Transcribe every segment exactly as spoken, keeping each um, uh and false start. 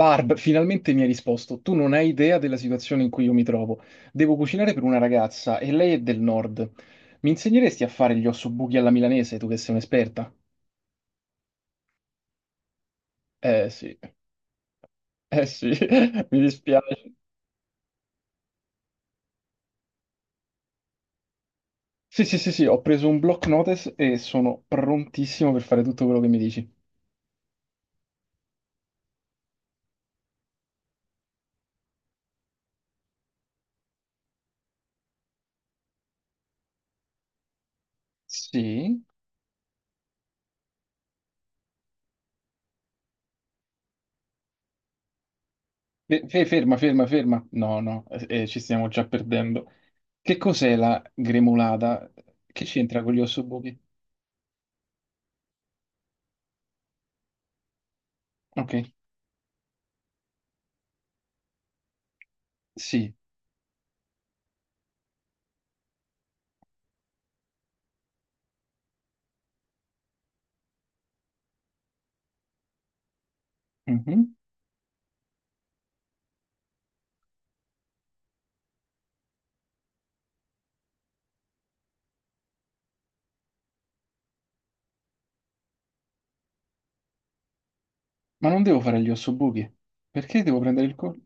Barb, finalmente mi hai risposto. Tu non hai idea della situazione in cui io mi trovo. Devo cucinare per una ragazza e lei è del nord. Mi insegneresti a fare gli ossobuchi alla milanese, tu che sei un'esperta? Eh sì, eh sì, mi dispiace. Sì, sì, sì, sì, ho preso un block notice e sono prontissimo per fare tutto quello che mi dici. Sì? Fe- fe- ferma, ferma, ferma. No, no, eh, eh, ci stiamo già perdendo. Che cos'è la gremolata? Che c'entra con gli ossobuchi? Ok, sì. Mhm. Ma non devo fare gli ossobuchi, perché devo prendere il col,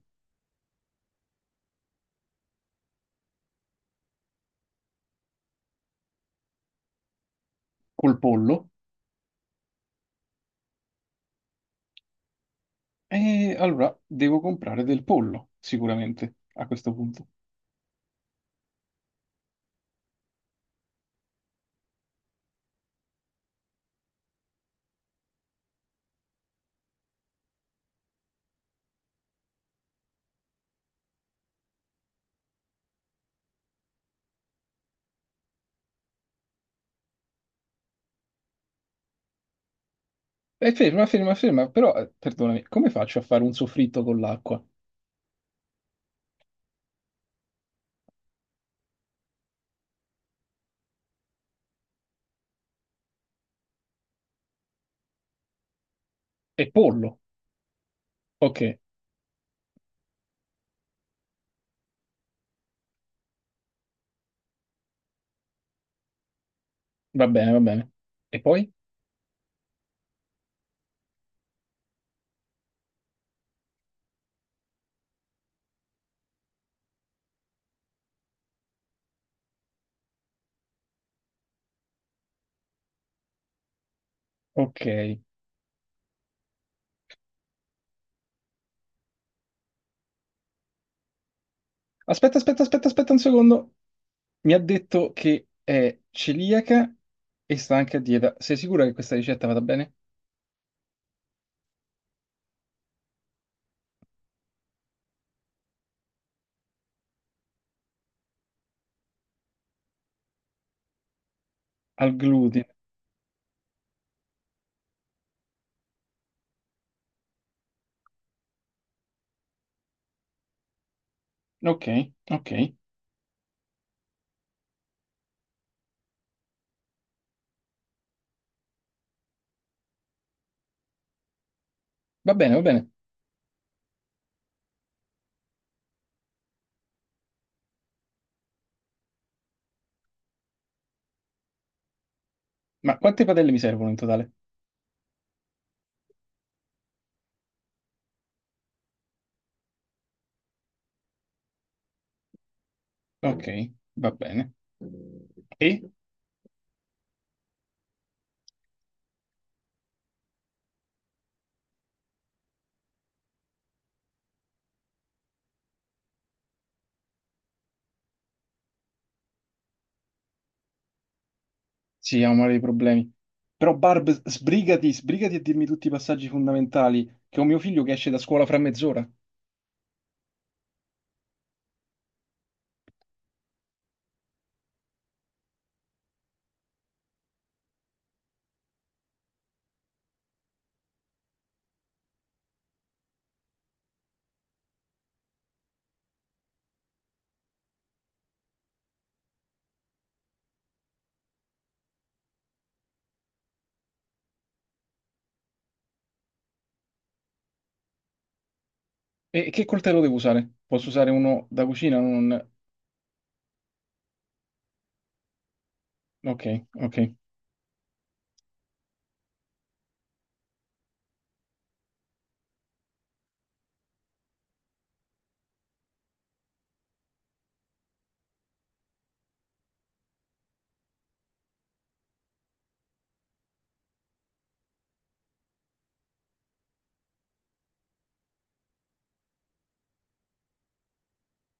col pollo, e allora devo comprare del pollo, sicuramente, a questo punto. E ferma, ferma, ferma, però, eh, perdonami, come faccio a fare un soffritto con l'acqua? E pollo? Ok, va bene, va bene. E poi? Ok. Aspetta, aspetta, aspetta, aspetta un secondo. Mi ha detto che è celiaca e sta anche a dieta. Sei sicura che questa ricetta vada bene? Al glutine. Ok, ok. Va bene, va bene. Ma quante padelle mi servono in totale? Ok, va bene. E? Sì, ha un mare di problemi. Però Barb, sbrigati, sbrigati a dirmi tutti i passaggi fondamentali, che ho mio figlio che esce da scuola fra mezz'ora. E che coltello devo usare? Posso usare uno da cucina? Non... Ok, ok.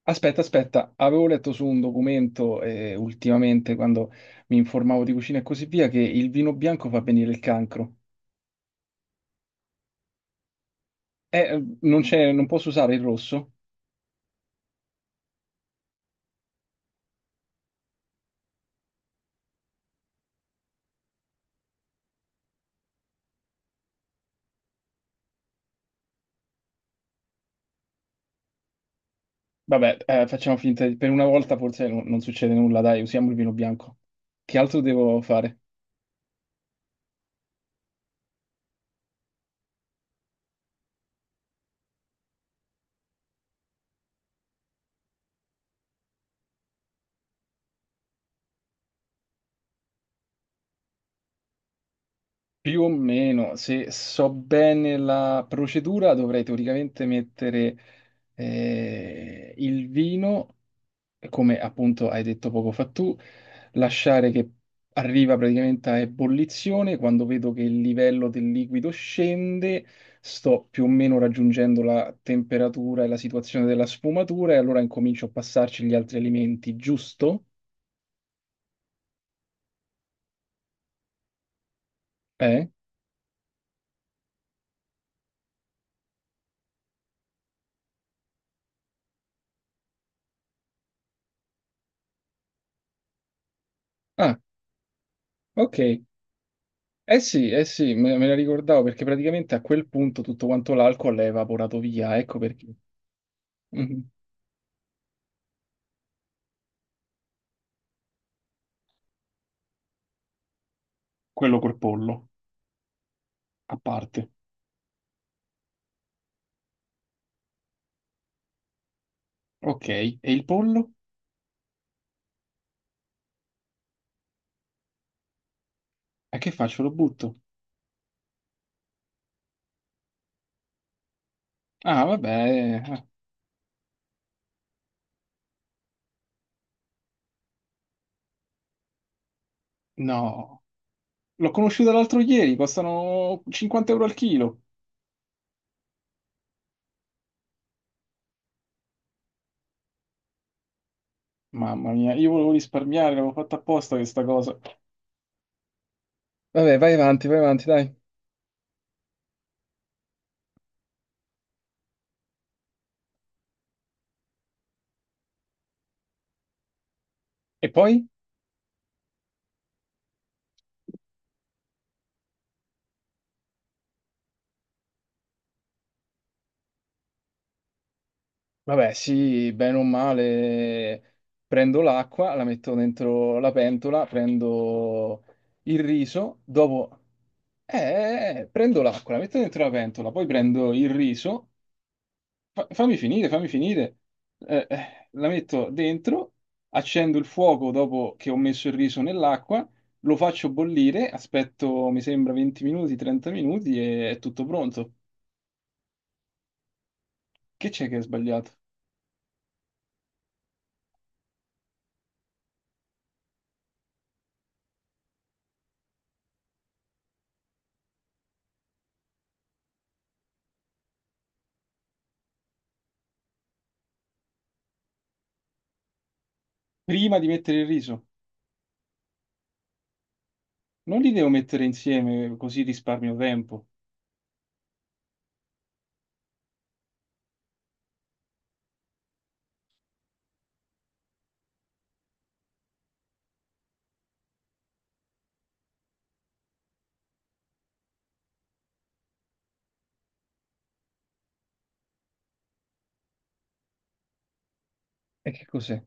Aspetta, aspetta, avevo letto su un documento eh, ultimamente, quando mi informavo di cucina e così via, che il vino bianco fa venire il cancro. Eh, non c'è, non posso usare il rosso? Vabbè, eh, facciamo finta di... Per una volta forse non, non succede nulla, dai, usiamo il vino bianco. Che altro devo fare? Più o meno, se so bene la procedura, dovrei teoricamente mettere eh, il vino, come appunto hai detto poco fa tu, lasciare che arriva praticamente a ebollizione, quando vedo che il livello del liquido scende, sto più o meno raggiungendo la temperatura e la situazione della sfumatura e allora incomincio a passarci gli altri alimenti, giusto? Eh? Ah, ok. Eh sì, eh sì, me, me la ricordavo perché praticamente a quel punto tutto quanto l'alcol è evaporato via, ecco perché. Mhm. Quello col pollo, a parte. Ok, e il pollo? E che faccio? Lo butto? Ah, vabbè, eh, no, l'ho conosciuta l'altro ieri, costano cinquanta euro al chilo. Mamma mia, io volevo risparmiare, l'avevo fatta apposta questa cosa. Vabbè, vai avanti, vai avanti, dai. E poi? Vabbè, sì, bene o male, prendo l'acqua, la metto dentro la pentola, prendo il riso, dopo... Eh, eh, eh, prendo l'acqua, la metto dentro la pentola, poi prendo il riso. Fa- fammi finire, fammi finire. Eh, eh, la metto dentro, accendo il fuoco dopo che ho messo il riso nell'acqua, lo faccio bollire, aspetto, mi sembra, venti minuti, trenta minuti e è tutto pronto. Che c'è che è sbagliato? Prima di mettere il riso, non li devo mettere insieme così risparmio tempo. E che cos'è?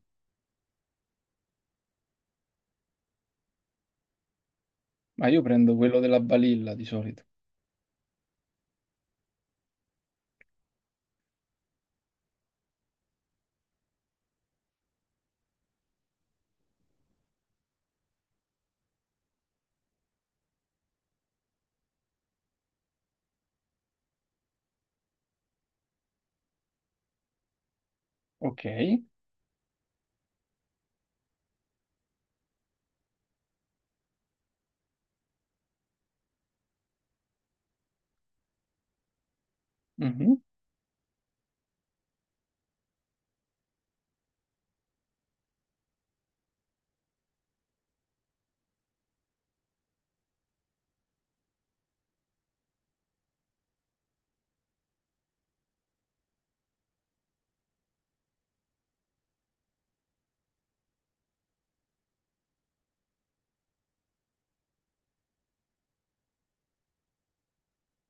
Ma io prendo quello della balilla di solito. Ok. Mhm.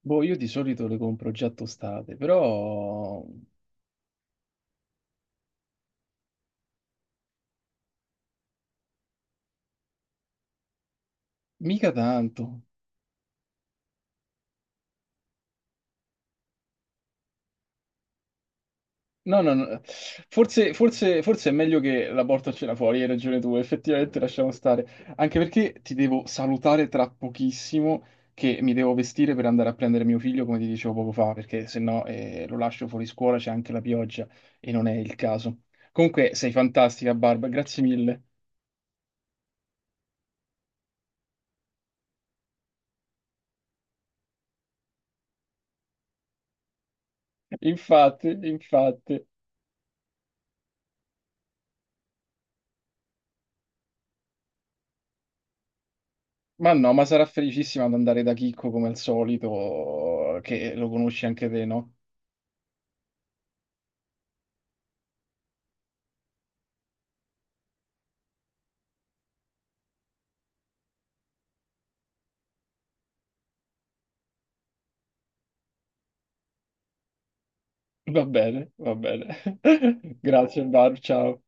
Boh, io di solito le compro già tostate, però mica tanto. No, no, no. Forse, forse- forse è meglio che la porto a cena fuori, hai ragione tu, effettivamente lasciamo stare. Anche perché ti devo salutare tra pochissimo, che mi devo vestire per andare a prendere mio figlio, come ti dicevo poco fa, perché se no eh, lo lascio fuori scuola, c'è anche la pioggia e non è il caso. Comunque sei fantastica, Barba, grazie mille. Infatti, infatti. Ma no, ma sarà felicissima ad andare da Chicco come al solito, che lo conosci anche te, no? Va bene, va bene. Grazie, Bar, ciao.